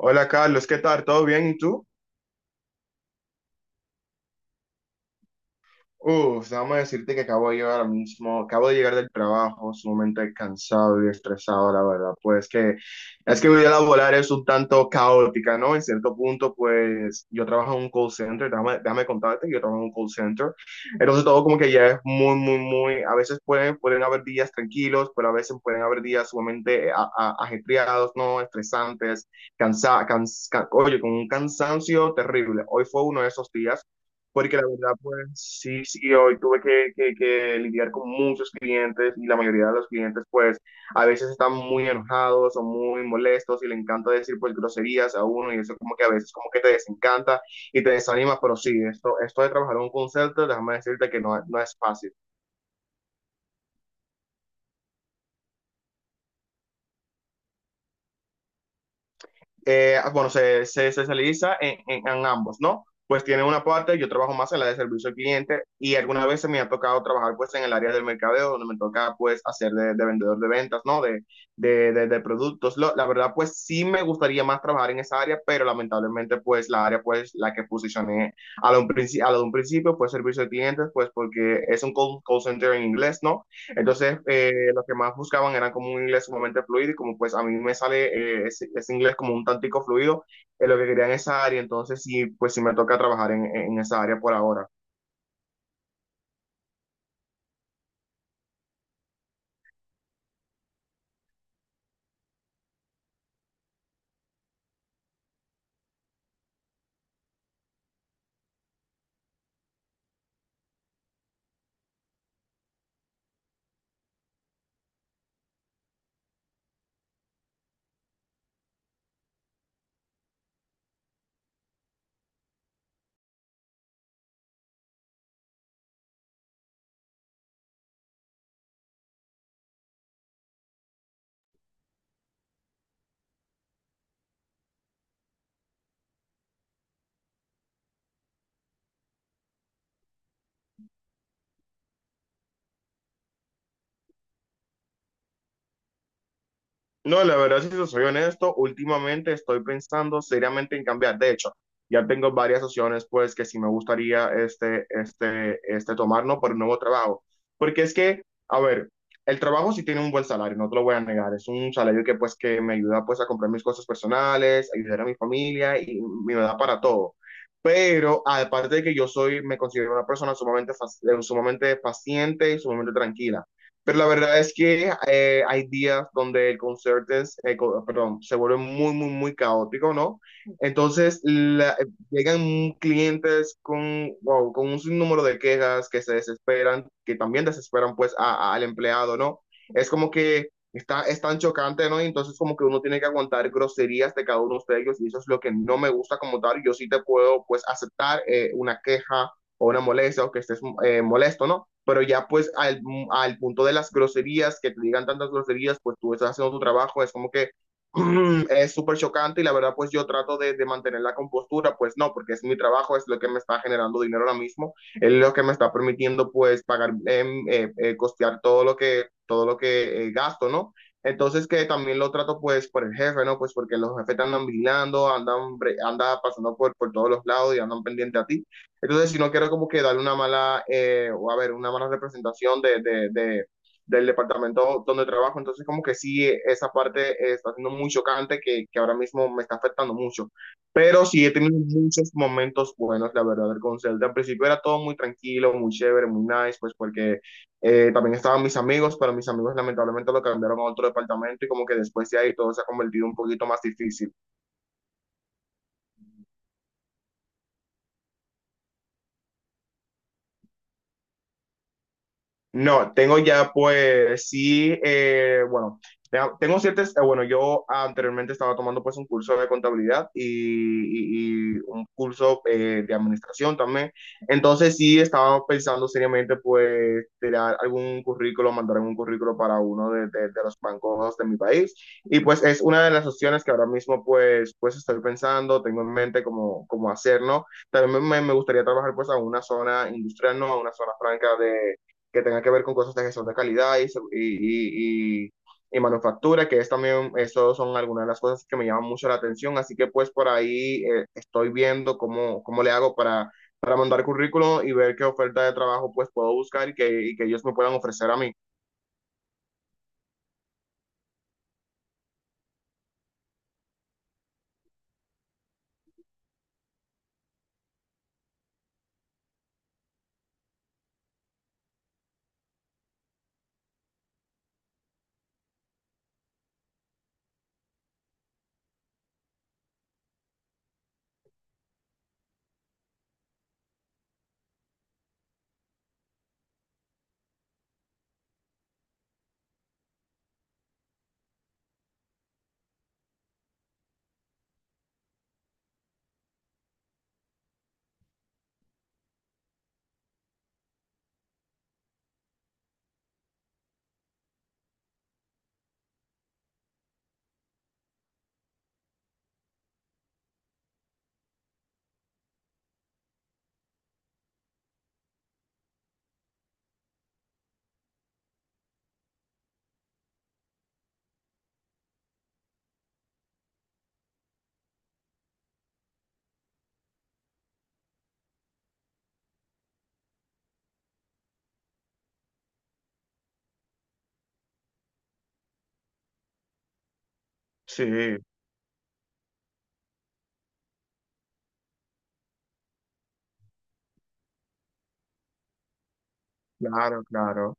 Hola Carlos, ¿qué tal? ¿Todo bien? ¿Y tú? Uf, déjame decirte que acabo de llegar al mismo, acabo de llegar del trabajo, sumamente cansado y estresado, la verdad. Pues que es que mi vida laboral es un tanto caótica, ¿no? En cierto punto, pues yo trabajo en un call center, déjame contarte, que yo trabajo en un call center. Entonces todo como que ya es muy, muy, muy, a veces pueden haber días tranquilos, pero a veces pueden haber días sumamente ajetreados, ¿no? Estresantes, oye, con un cansancio terrible. Hoy fue uno de esos días. Porque la verdad, pues sí, sí, hoy tuve que lidiar con muchos clientes y la mayoría de los clientes, pues a veces están muy enojados o muy molestos y le encanta decir, pues, groserías a uno y eso como que a veces como que te desencanta y te desanima, pero sí, esto de trabajar en un call center, déjame decirte que no, no es fácil. Bueno, se especializa en ambos, ¿no? Pues tiene una parte, yo trabajo más en la de servicio al cliente y algunas veces me ha tocado trabajar pues en el área del mercadeo, donde me toca pues hacer de vendedor de ventas, ¿no? De productos. La verdad pues sí me gustaría más trabajar en esa área, pero lamentablemente pues la área pues la que posicioné a lo de un principio pues servicio al cliente, pues porque es un call center en inglés, ¿no? Entonces, lo que más buscaban era como un inglés sumamente fluido y como pues a mí me sale ese inglés como un tantico fluido, es lo que quería en esa área, entonces sí, pues sí me toca trabajar en esa área por ahora. No, la verdad, si te soy honesto, últimamente estoy pensando seriamente en cambiar. De hecho, ya tengo varias opciones, pues, que sí me gustaría este tomar, ¿no? Por un nuevo trabajo. Porque es que, a ver, el trabajo sí tiene un buen salario, no te lo voy a negar. Es un salario que, pues, que me ayuda, pues, a comprar mis cosas personales, ayudar a mi familia y me da para todo. Pero, aparte de que yo soy, me considero una persona sumamente paciente y sumamente tranquila. Pero la verdad es que hay días donde el concierto es, perdón, se vuelve muy, muy, muy caótico, ¿no? Entonces la- Llegan clientes con, wow, con un sinnúmero de quejas que se desesperan, que también desesperan pues al empleado, ¿no? Es como que está, es tan chocante, ¿no? Y entonces como que uno tiene que aguantar groserías de cada uno de ellos y eso es lo que no me gusta como tal. Yo sí te puedo pues aceptar una queja o una molestia o que estés molesto, ¿no? Pero ya pues punto de las groserías, que te digan tantas groserías, pues tú estás haciendo tu trabajo, es como que es súper chocante y la verdad pues yo trato mantener la compostura, pues no, porque es mi trabajo, es lo que me está generando dinero ahora mismo, es lo que me está permitiendo pues pagar, costear todo lo que gasto, ¿no? Entonces que también lo trato pues por el jefe, ¿no? Pues porque los jefes te andan vigilando, andan pasando por todos los lados y andan pendiente a ti. Entonces, si no quiero como que darle una mala, o a ver, una mala representación del departamento donde trabajo, entonces como que sí, esa parte está siendo muy chocante que ahora mismo me está afectando mucho. Pero sí, he tenido muchos momentos buenos, la verdad, con Zelda. Al principio era todo muy tranquilo, muy chévere, muy nice, pues porque también estaban mis amigos, pero mis amigos lamentablemente lo cambiaron a otro departamento y como que después de ahí todo se ha convertido un poquito más difícil. No, tengo ya pues sí, bueno, tengo ciertas, bueno, yo anteriormente estaba tomando pues un curso de contabilidad y un curso de administración también, entonces sí estaba pensando seriamente pues tirar algún currículo, mandar algún currículo para uno de los bancos de mi país y pues es una de las opciones que ahora mismo pues, pues estoy pensando, tengo en mente cómo hacer, ¿no? También me gustaría trabajar pues a una zona industrial, ¿no? A una zona franca que tenga que ver con cosas de gestión de calidad y manufactura, que es también, eso son algunas de las cosas que me llaman mucho la atención, así que pues por ahí estoy viendo cómo le hago para mandar currículum y ver qué oferta de trabajo pues puedo buscar y que ellos me puedan ofrecer a mí. Sí, claro, claro.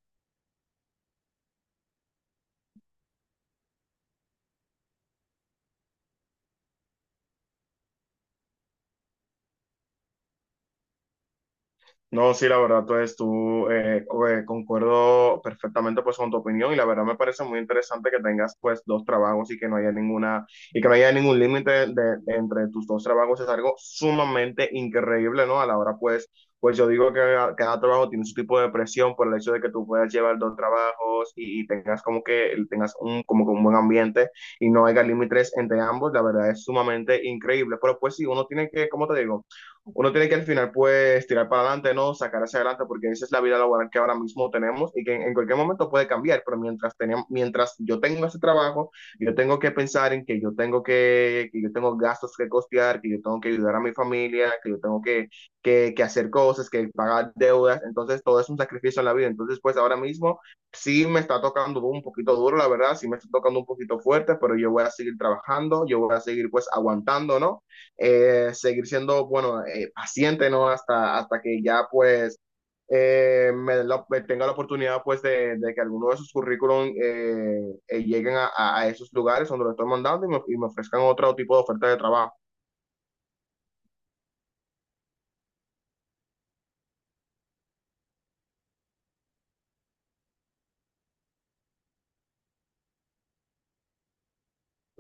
No, sí, la verdad, pues tú concuerdo perfectamente pues con tu opinión y la verdad me parece muy interesante que tengas pues dos trabajos y que no haya ninguna y que no haya ningún límite entre tus dos trabajos es algo sumamente increíble, ¿no? A la hora pues pues yo digo que cada, cada trabajo tiene su tipo de presión por el hecho de que tú puedas llevar dos trabajos y tengas como que tengas un como que un buen ambiente y no haya límites entre ambos, la verdad es sumamente increíble, pero pues sí, uno tiene que, como te digo? Uno tiene que al final pues tirar para adelante, ¿no? Sacar hacia adelante porque esa es la vida laboral que ahora mismo tenemos y que en cualquier momento puede cambiar, pero mientras, mientras yo tengo ese trabajo, yo tengo que pensar en que yo tengo que yo tengo gastos que costear, que yo tengo que ayudar a mi familia, que yo tengo que, que hacer cosas, que pagar deudas, entonces todo es un sacrificio en la vida, entonces pues ahora mismo sí me está tocando un poquito duro, la verdad, sí me está tocando un poquito fuerte, pero yo voy a seguir trabajando, yo voy a seguir pues aguantando, ¿no? Seguir siendo, bueno, paciente, ¿no? Hasta, hasta que ya, pues, me tenga la oportunidad, pues, de que alguno de sus currículum lleguen a esos lugares donde lo estoy mandando y me ofrezcan otro tipo de oferta de trabajo.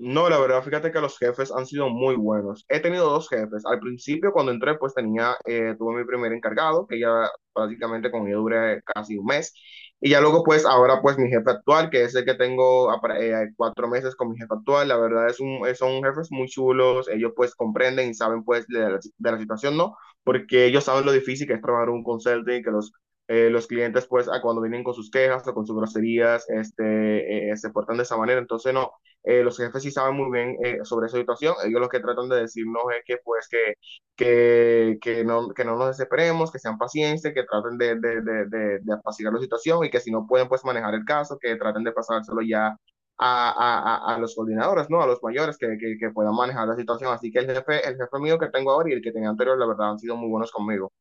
No, la verdad, fíjate que los jefes han sido muy buenos. He tenido dos jefes. Al principio, cuando entré, pues tenía, tuve mi primer encargado, que ya prácticamente con ella duré casi un mes. Y ya luego, pues ahora, pues mi jefe actual, que es el que tengo cuatro meses con mi jefe actual, la verdad es un, son jefes muy chulos. Ellos pues comprenden y saben pues de la situación, ¿no? Porque ellos saben lo difícil que es trabajar un consulting, que los clientes, pues, a cuando vienen con sus quejas o con sus groserías, este, se portan de esa manera. Entonces, no, los jefes sí saben muy bien sobre esa situación, ellos lo que tratan de decirnos es que pues que no nos desesperemos, que sean pacientes, que traten de apaciguar la situación y que si no pueden pues manejar el caso, que traten de pasárselo ya a los coordinadores, ¿no? A los mayores que, puedan manejar la situación. Así que el jefe mío que tengo ahora y el que tenía anterior, la verdad, han sido muy buenos conmigo.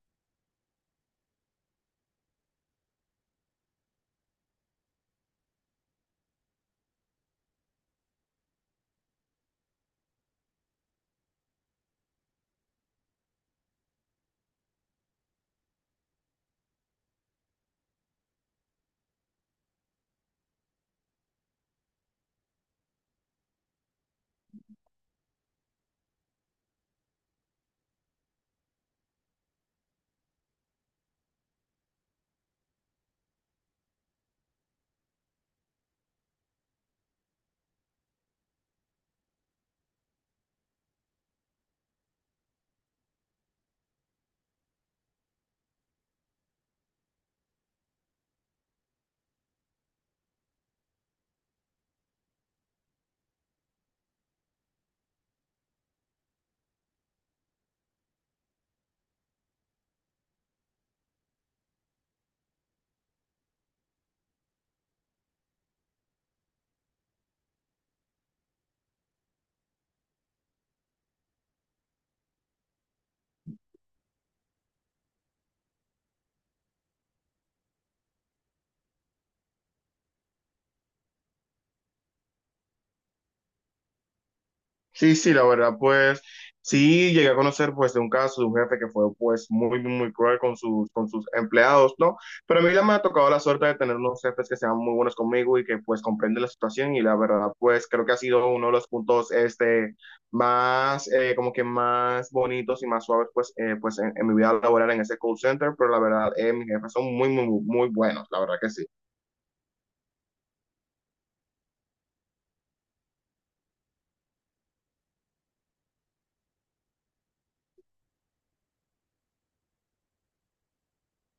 Sí, sí, la verdad, pues sí llegué a conocer pues de un caso de un jefe que fue pues muy, muy cruel con sus empleados, ¿no? Pero a mí ya me ha tocado la suerte de tener unos jefes que sean muy buenos conmigo y que pues comprenden la situación y la verdad, pues creo que ha sido uno de los puntos este más, como que más bonitos y más suaves pues, pues en mi vida laboral en ese call center, pero la verdad, mis jefes son muy, muy, muy buenos, la verdad que sí.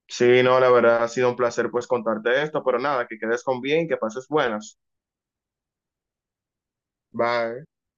Sí, no, la verdad ha sido un placer pues contarte esto, pero nada, que quedes con bien, que pases buenas. Bye.